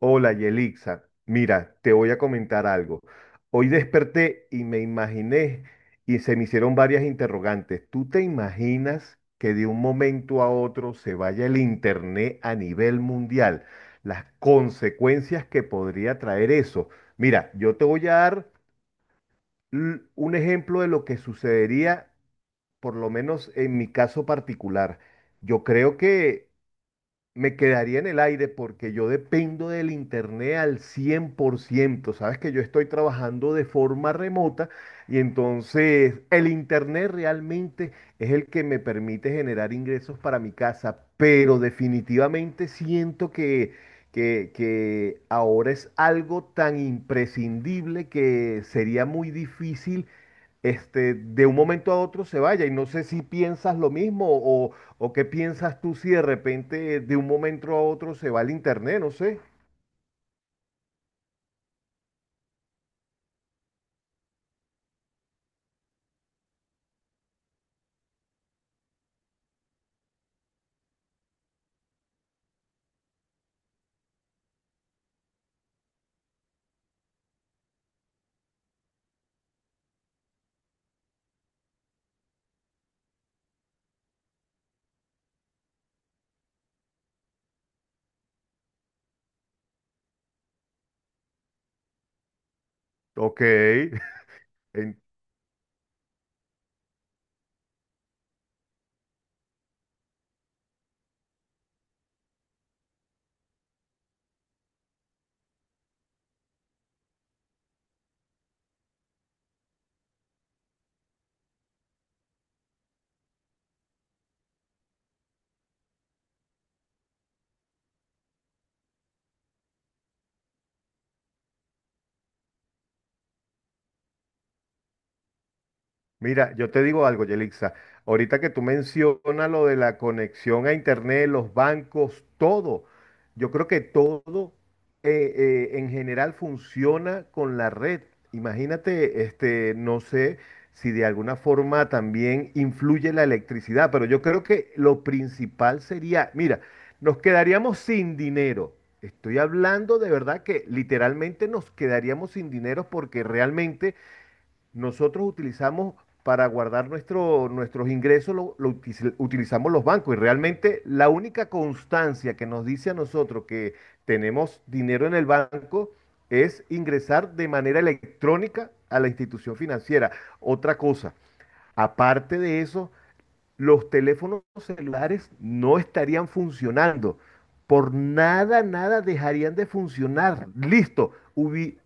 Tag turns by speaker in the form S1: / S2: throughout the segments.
S1: Hola, Yelixa. Mira, te voy a comentar algo. Hoy desperté y me imaginé y se me hicieron varias interrogantes. ¿Tú te imaginas que de un momento a otro se vaya el internet a nivel mundial? Las consecuencias que podría traer eso. Mira, yo te voy a dar un ejemplo de lo que sucedería, por lo menos en mi caso particular. Yo creo que me quedaría en el aire porque yo dependo del internet al 100%. Sabes que yo estoy trabajando de forma remota y entonces el internet realmente es el que me permite generar ingresos para mi casa, pero definitivamente siento que ahora es algo tan imprescindible que sería muy difícil de un momento a otro se vaya. Y no sé si piensas lo mismo o qué piensas tú si de repente de un momento a otro se va el internet, no sé. Ok, entiendo. Mira, yo te digo algo, Yelixa. Ahorita que tú mencionas lo de la conexión a internet, los bancos, todo, yo creo que todo en general funciona con la red. Imagínate, no sé si de alguna forma también influye la electricidad, pero yo creo que lo principal sería, mira, nos quedaríamos sin dinero. Estoy hablando de verdad que literalmente nos quedaríamos sin dinero porque realmente nosotros utilizamos para guardar nuestros ingresos, lo utilizamos los bancos y realmente la única constancia que nos dice a nosotros que tenemos dinero en el banco es ingresar de manera electrónica a la institución financiera. Otra cosa, aparte de eso, los teléfonos celulares no estarían funcionando. Por nada, nada dejarían de funcionar. Listo,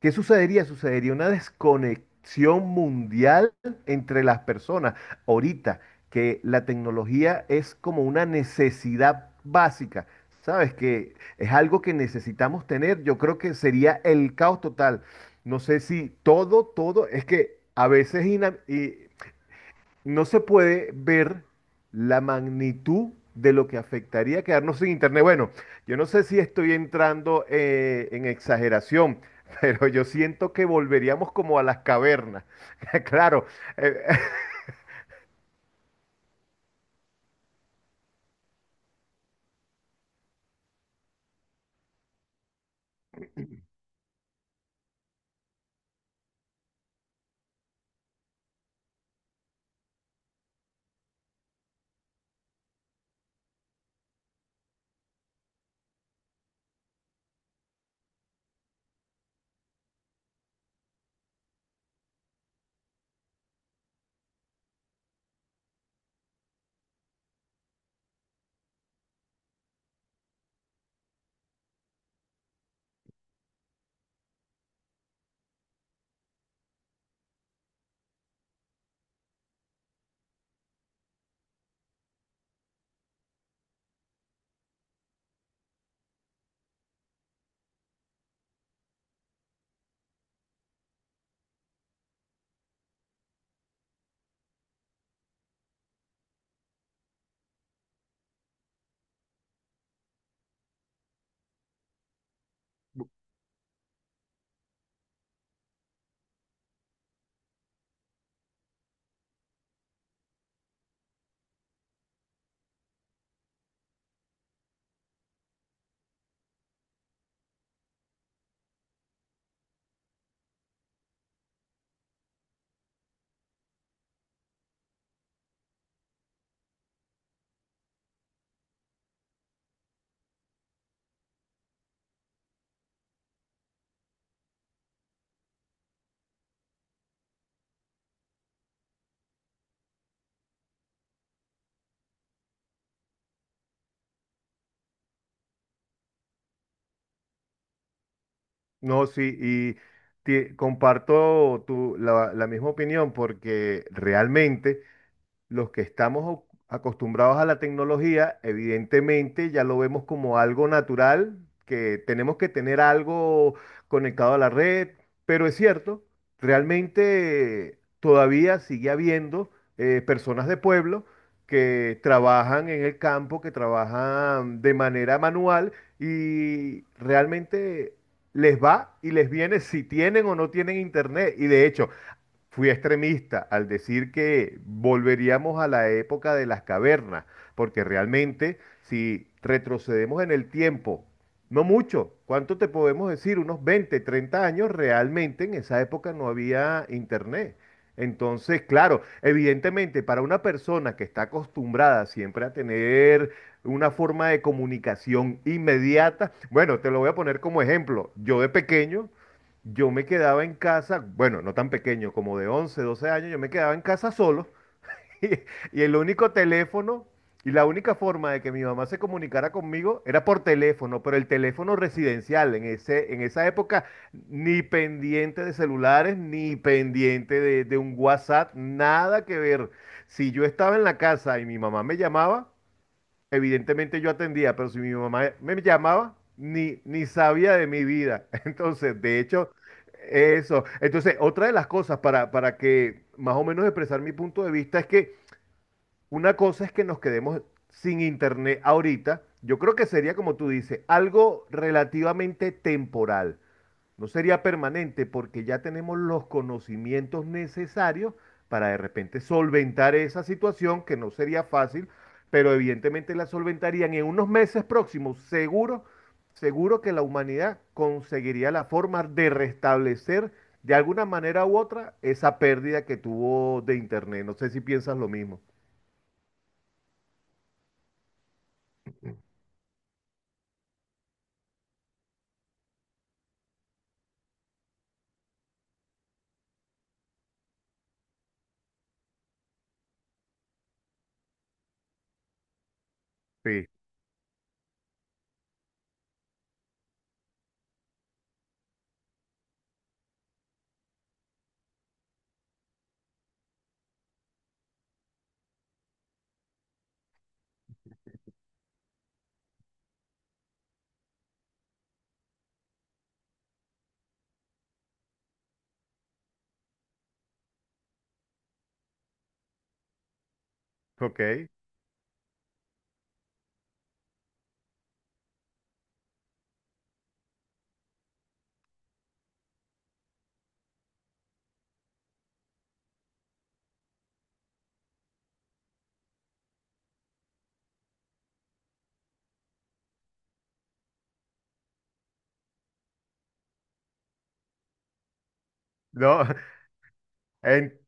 S1: ¿qué sucedería? Sucedería una desconexión mundial entre las personas. Ahorita que la tecnología es como una necesidad básica, ¿sabes? Que es algo que necesitamos tener. Yo creo que sería el caos total. No sé si todo, es que a veces no se puede ver la magnitud de lo que afectaría quedarnos sin internet. Bueno, yo no sé si estoy entrando en exageración, pero yo siento que volveríamos como a las cavernas. Claro, eh, no, sí, y comparto la misma opinión porque realmente los que estamos acostumbrados a la tecnología, evidentemente ya lo vemos como algo natural, que tenemos que tener algo conectado a la red, pero es cierto, realmente todavía sigue habiendo personas de pueblo que trabajan en el campo, que trabajan de manera manual y realmente les va y les viene si tienen o no tienen internet. Y de hecho, fui extremista al decir que volveríamos a la época de las cavernas, porque realmente si retrocedemos en el tiempo, no mucho, ¿cuánto te podemos decir? Unos 20 30 años, realmente en esa época no había internet. Entonces, claro, evidentemente para una persona que está acostumbrada siempre a tener una forma de comunicación inmediata, bueno, te lo voy a poner como ejemplo. Yo de pequeño yo me quedaba en casa, bueno, no tan pequeño, como de 11 12 años, yo me quedaba en casa solo y, y el único teléfono y la única forma de que mi mamá se comunicara conmigo era por teléfono, pero el teléfono residencial en en esa época, ni pendiente de celulares, ni pendiente de un WhatsApp, nada que ver. Si yo estaba en la casa y mi mamá me llamaba, evidentemente yo atendía, pero si mi mamá me llamaba, ni sabía de mi vida. Entonces, de hecho, eso. Entonces, otra de las cosas para que más o menos expresar mi punto de vista es que una cosa es que nos quedemos sin internet ahorita. Yo creo que sería, como tú dices, algo relativamente temporal. No sería permanente porque ya tenemos los conocimientos necesarios para de repente solventar esa situación que no sería fácil, pero evidentemente la solventarían en unos meses próximos. Seguro que la humanidad conseguiría la forma de restablecer de alguna manera u otra esa pérdida que tuvo de Internet. No sé si piensas lo mismo. Sí, ok. No, en-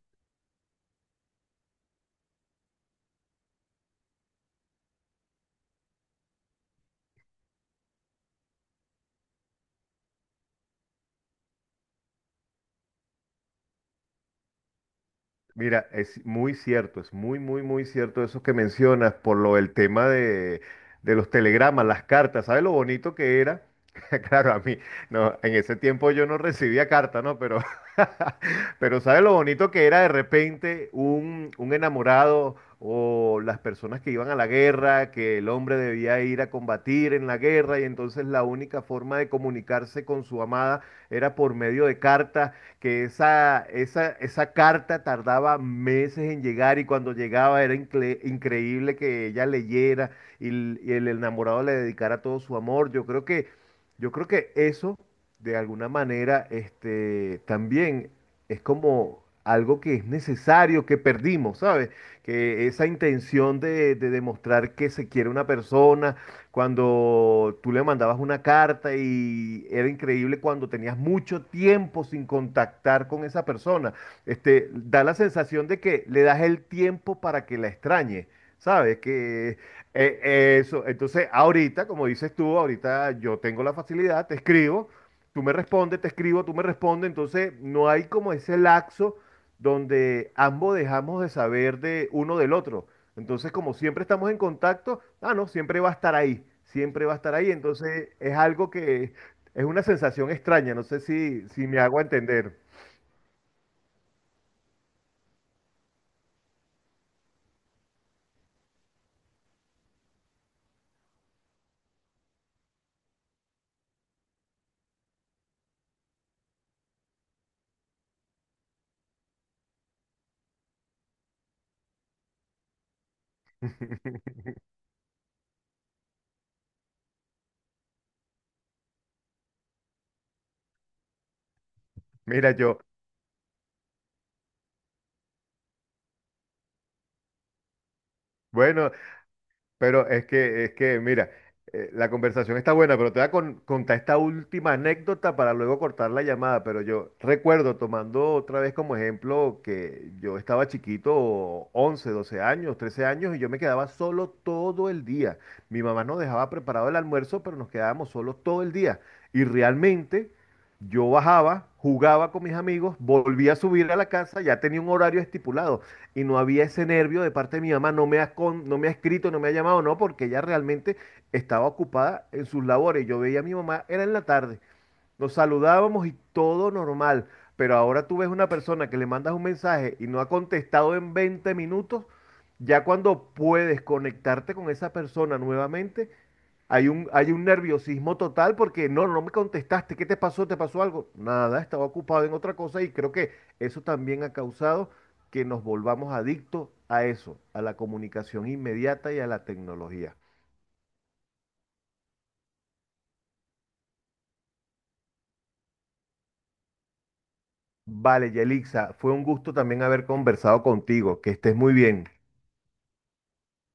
S1: Mira, es muy cierto, es muy, muy, muy cierto eso que mencionas por lo del tema de los telegramas, las cartas. ¿Sabes lo bonito que era? Claro, a mí, no, en ese tiempo yo no recibía carta, ¿no? Pero, pero ¿sabes lo bonito que era de repente un enamorado o las personas que iban a la guerra, que el hombre debía ir a combatir en la guerra y entonces la única forma de comunicarse con su amada era por medio de cartas? Que esa carta tardaba meses en llegar y cuando llegaba era increíble que ella leyera y el enamorado le dedicara todo su amor. Yo creo que eso, de alguna manera, también es como algo que es necesario, que perdimos, ¿sabes? Que esa intención de demostrar que se quiere una persona, cuando tú le mandabas una carta y era increíble cuando tenías mucho tiempo sin contactar con esa persona. Este, da la sensación de que le das el tiempo para que la extrañe, ¿sabes? Que eso, entonces ahorita, como dices tú, ahorita yo tengo la facilidad, te escribo, tú me respondes, te escribo, tú me respondes, entonces no hay como ese laxo donde ambos dejamos de saber de uno del otro. Entonces, como siempre estamos en contacto, ah, no, siempre va a estar ahí, siempre va a estar ahí. Entonces, es algo que es una sensación extraña, no sé si me hago entender. Mira, yo, bueno, Pero es mira, la conversación está buena, pero te voy a contar esta última anécdota para luego cortar la llamada. Pero yo recuerdo, tomando otra vez como ejemplo, que yo estaba chiquito, 11 12 años, 13 años, y yo me quedaba solo todo el día. Mi mamá nos dejaba preparado el almuerzo, pero nos quedábamos solos todo el día. Y realmente yo bajaba, jugaba con mis amigos, volvía a subir a la casa, ya tenía un horario estipulado y no había ese nervio de parte de mi mamá, no me ha, no me ha escrito, no me ha llamado, no, porque ella realmente estaba ocupada en sus labores. Yo veía a mi mamá, era en la tarde, nos saludábamos y todo normal, pero ahora tú ves una persona que le mandas un mensaje y no ha contestado en 20 minutos, ya cuando puedes conectarte con esa persona nuevamente, hay un nerviosismo total porque no, no me contestaste, ¿qué te pasó? ¿Te pasó algo? Nada, estaba ocupado en otra cosa y creo que eso también ha causado que nos volvamos adictos a eso, a la comunicación inmediata y a la tecnología. Vale, Yelixa, fue un gusto también haber conversado contigo, que estés muy bien.